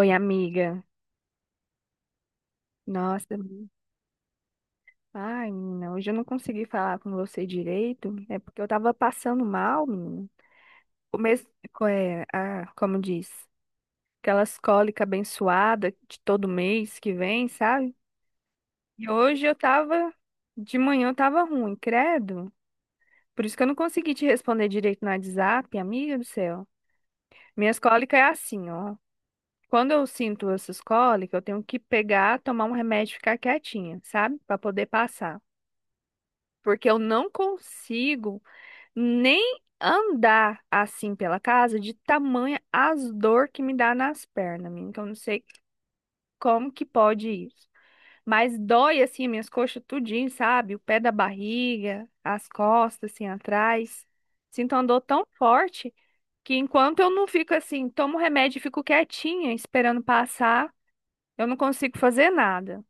Oi, amiga. Nossa, ai, menina, hoje eu não consegui falar com você direito. É porque eu tava passando mal, menina. Começo, como diz, aquelas cólicas abençoadas de todo mês que vem, sabe? E hoje eu tava, de manhã eu tava ruim, credo. Por isso que eu não consegui te responder direito no WhatsApp, amiga do céu. Minhas cólicas é assim, ó. Quando eu sinto essas cólicas, eu tenho que pegar, tomar um remédio e ficar quietinha, sabe? Pra poder passar, porque eu não consigo nem andar assim pela casa de tamanha as dor que me dá nas pernas, menina, que eu não sei como que pode isso. Mas dói assim minhas coxas tudinho, sabe? O pé da barriga, as costas assim atrás. Sinto uma dor tão forte que enquanto eu não fico assim, tomo remédio e fico quietinha esperando passar, eu não consigo fazer nada.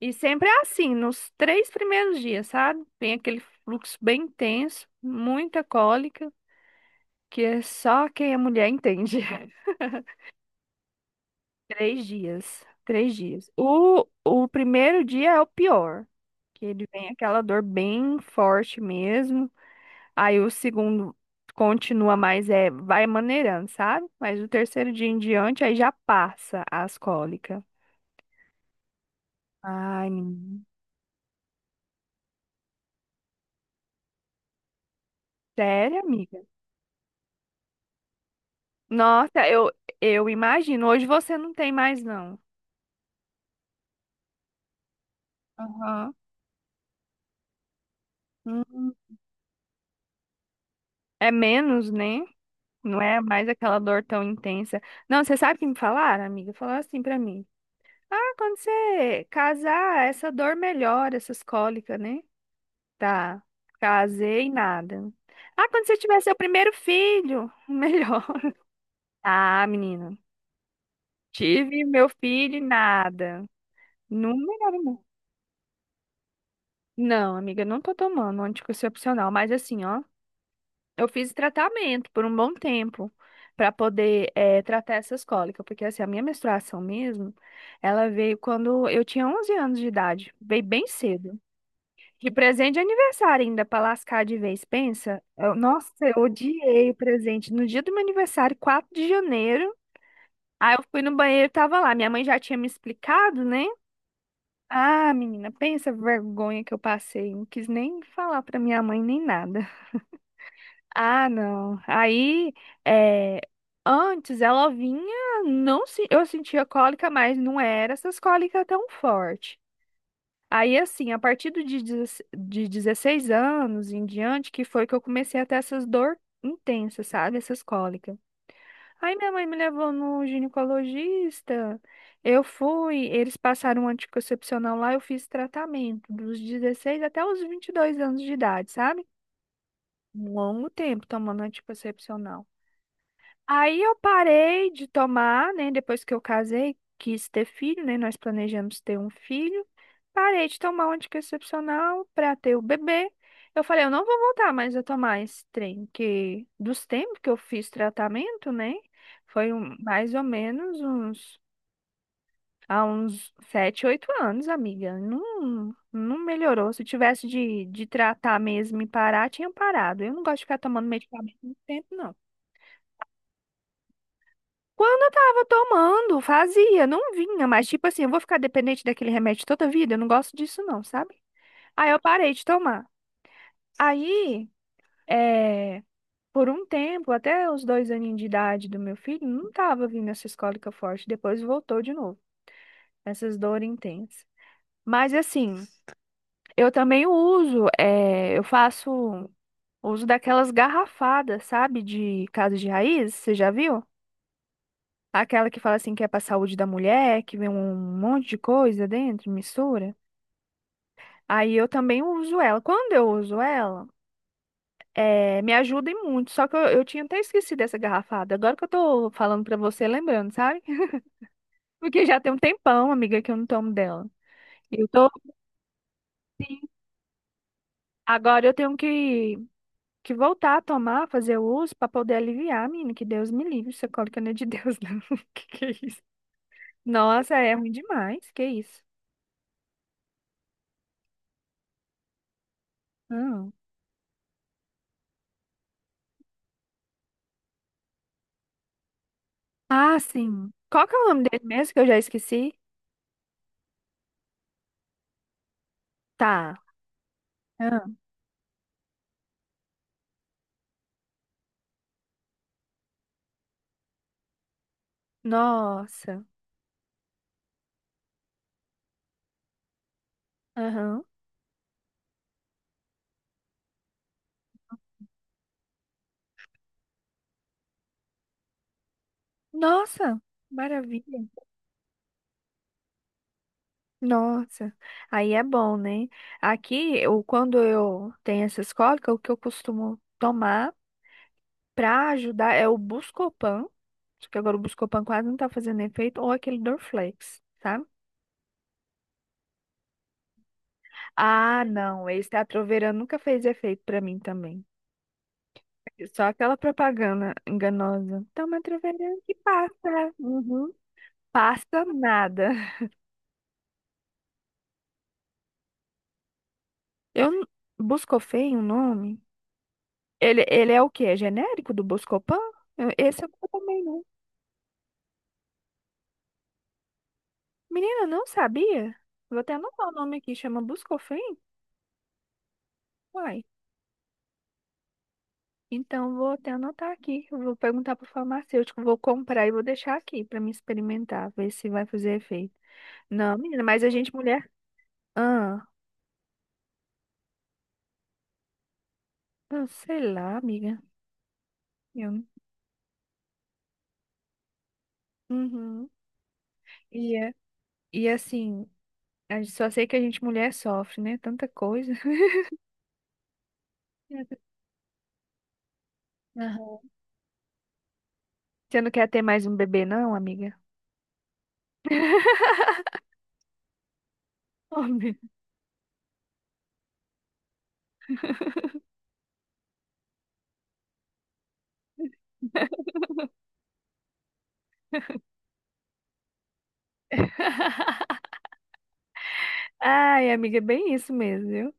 E sempre é assim, nos 3 primeiros dias, sabe? Tem aquele fluxo bem intenso, muita cólica, que é só quem é mulher entende. 3 dias, 3 dias. O primeiro dia é o pior, que ele vem aquela dor bem forte mesmo. Aí o segundo continua mais, vai maneirando, sabe? Mas o terceiro dia em diante, aí já passa as cólicas. Ai, menina. Sério, amiga? Nossa, eu imagino. Hoje você não tem mais, não. Aham. Hum, é menos, né? Não é mais aquela dor tão intensa. Não, você sabe o que me falaram, amiga? Falaram assim pra mim. Ah, quando você casar, essa dor melhora, essas cólicas, né? Tá. Casei, nada. Ah, quando você tiver seu primeiro filho, melhor. Ah, menina. Tive meu filho e nada. Não melhora, não. Não, amiga, eu não tô tomando anticoncepcional, mas assim, ó. Eu fiz tratamento por um bom tempo para poder tratar essas cólicas, porque assim, a minha menstruação mesmo, ela veio quando eu tinha 11 anos de idade, veio bem cedo. E presente de aniversário ainda, para lascar de vez, pensa. Nossa, eu odiei o presente. No dia do meu aniversário, 4 de janeiro, aí eu fui no banheiro e tava lá. Minha mãe já tinha me explicado, né? Ah, menina, pensa a vergonha que eu passei. Não quis nem falar pra minha mãe nem nada. Ah, não. Aí, é, antes ela vinha, não se, eu sentia cólica, mas não era essas cólicas tão forte. Aí, assim, a partir de 16 anos em diante, que foi que eu comecei a ter essas dor intensas, sabe? Essas cólicas. Aí minha mãe me levou no ginecologista, eu fui, eles passaram um anticoncepcional lá, eu fiz tratamento dos 16 até os 22 anos de idade, sabe? Um longo tempo tomando anticoncepcional. Aí eu parei de tomar, né? Depois que eu casei, quis ter filho, né? Nós planejamos ter um filho. Parei de tomar o anticoncepcional para ter o bebê. Eu falei, eu não vou voltar mais a tomar esse trem, que dos tempos que eu fiz tratamento, né? Mais ou menos uns há uns 7, 8 anos, amiga. Não, não melhorou. Se tivesse de tratar mesmo e parar, tinha parado. Eu não gosto de ficar tomando medicamento muito tempo, não. Quando eu tava tomando, fazia, não vinha, mas tipo assim, eu vou ficar dependente daquele remédio toda a vida, eu não gosto disso não, sabe? Aí eu parei de tomar. Aí, é, por um tempo, até os 2 aninhos de idade do meu filho, não tava vindo essa escólica forte, depois voltou de novo, essas dores intensas. Mas assim, eu também uso, eu faço uso daquelas garrafadas, sabe, de casa de raiz, você já viu? Aquela que fala assim que é pra saúde da mulher, que vem um monte de coisa dentro, mistura. Aí eu também uso ela. Quando eu uso ela, me ajuda em muito. Só que eu tinha até esquecido essa garrafada. Agora que eu tô falando pra você, lembrando, sabe? Porque já tem um tempão, amiga, que eu não tomo dela. Eu tô, assim, agora eu tenho que voltar a tomar, fazer o uso pra poder aliviar, menina. Que Deus me livre. Isso é cólica não é de Deus, não. Que é isso? Nossa, é ruim demais. Que isso? Não. Ah, sim. Qual que é o nome dele mesmo que eu já esqueci? Tá. Ah, nossa. Aham. Nossa, maravilha. Nossa. Aí é bom, né? Aqui, eu, quando eu tenho essas cólicas, o que eu costumo tomar pra ajudar é o Buscopan. Só que agora o Buscopan quase não tá fazendo efeito, ou aquele Dorflex, sabe? Ah, não, esse Atroverã nunca fez efeito pra mim também. Só aquela propaganda enganosa. Toma Atroverã que passa. Uhum. Passa nada. Eu n- Buscofem, o nome? Ele é o quê? É genérico do Buscopan? Esse eu também não. Menina, não sabia? Vou até anotar o nome aqui, chama Buscofem? Uai. Então vou até anotar aqui. Eu vou perguntar pro farmacêutico, vou comprar e vou deixar aqui pra me experimentar, ver se vai fazer efeito. Não, menina, mas a gente mulher. Ah, eu sei lá, amiga. Eu... não- Uhum. E e assim, só sei que a gente mulher sofre, né? Tanta coisa. Aham. Você não quer ter mais um bebê, não, amiga? Homem. Ai, amiga, é bem isso mesmo, viu?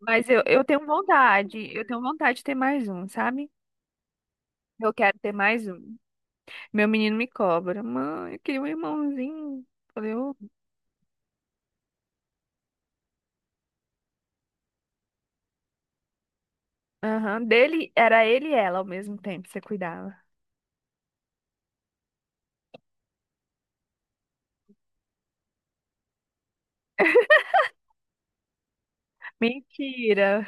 Mas eu tenho vontade, eu tenho vontade de ter mais um, sabe? Eu quero ter mais um. Meu menino me cobra. Mãe, eu queria um irmãozinho. Falei, ô. Aham, dele era ele e ela ao mesmo tempo, você cuidava. Mentira.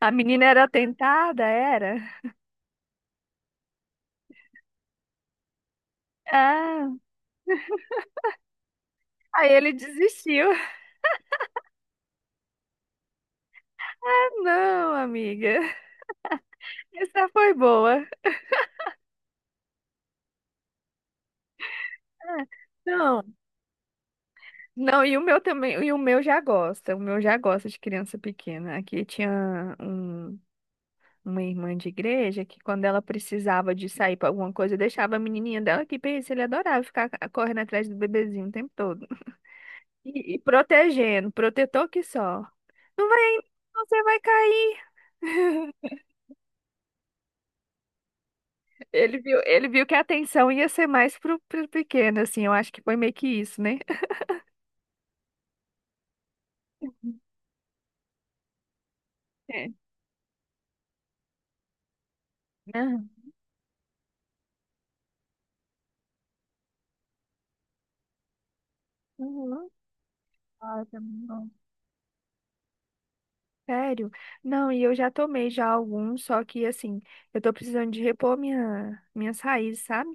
A menina era tentada, era? Ah, aí ele desistiu. Não, amiga. Essa foi boa. Ah, não. Não, e o meu também, e o meu já gosta, o meu já gosta de criança pequena. Aqui tinha uma irmã de igreja que quando ela precisava de sair para alguma coisa, deixava a menininha dela aqui, pensa, ele adorava ficar correndo atrás do bebezinho o tempo todo. E protegendo, protetor que só. Não vai aí, você vai cair. Ele viu que a atenção ia ser mais pro pequeno, assim, eu acho que foi meio que isso, né? É. Aham. Uhum. Ah, tá bom. Sério? Não, e eu já tomei já alguns, só que assim, eu tô precisando de repor minhas raízes, sabe?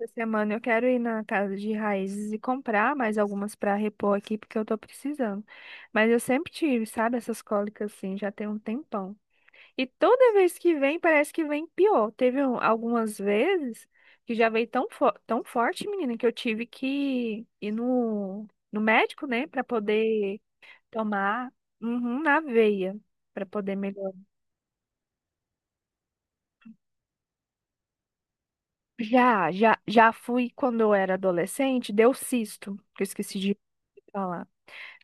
Essa semana eu quero ir na casa de raízes e comprar mais algumas pra repor aqui, porque eu tô precisando. Mas eu sempre tive, sabe, essas cólicas assim, já tem um tempão. E toda vez que vem, parece que vem pior. Teve algumas vezes que já veio tão forte, menina, que eu tive que ir no médico, né, pra poder tomar uhum, na veia para poder melhorar. Já, já, já fui quando eu era adolescente, deu cisto, que eu esqueci de falar.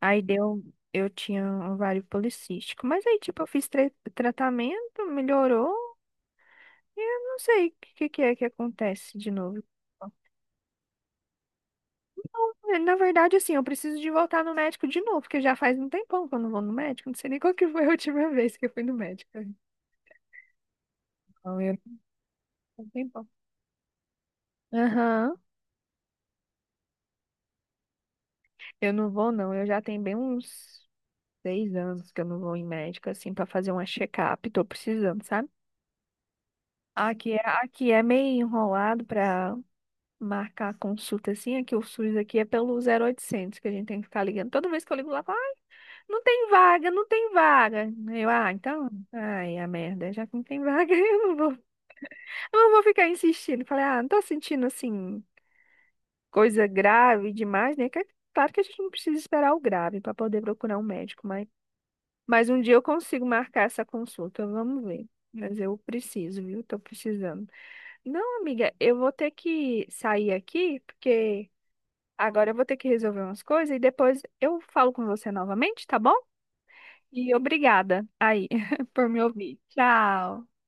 Aí deu, eu tinha um ovário policístico, mas aí tipo eu fiz tratamento, melhorou, e eu não sei o que que é que acontece de novo. É, na verdade, assim, eu preciso de voltar no médico de novo, porque já faz um tempão que eu não vou no médico, não sei nem qual que foi a última vez que eu fui no médico. Então, eu... um tempão. Aham. Eu não vou, não. Eu já tenho bem uns 6 anos que eu não vou em médico, assim, pra fazer uma check-up. Tô precisando, sabe? Aqui é meio enrolado pra marcar consulta, assim. Aqui o SUS aqui é pelo 0800 que a gente tem que ficar ligando. Toda vez que eu ligo lá, fala, ah, não tem vaga, não tem vaga. Eu, ah, então, ai, a merda, já que não tem vaga, eu não vou ficar insistindo. Falei, ah, não tô sentindo, assim, coisa grave demais, né? Que é claro que a gente não precisa esperar o grave pra poder procurar um médico, mas um dia eu consigo marcar essa consulta, vamos ver. Mas eu preciso, viu? Tô precisando. Não, amiga, eu vou ter que sair aqui, porque agora eu vou ter que resolver umas coisas e depois eu falo com você novamente, tá bom? E obrigada aí por me ouvir. Tchau.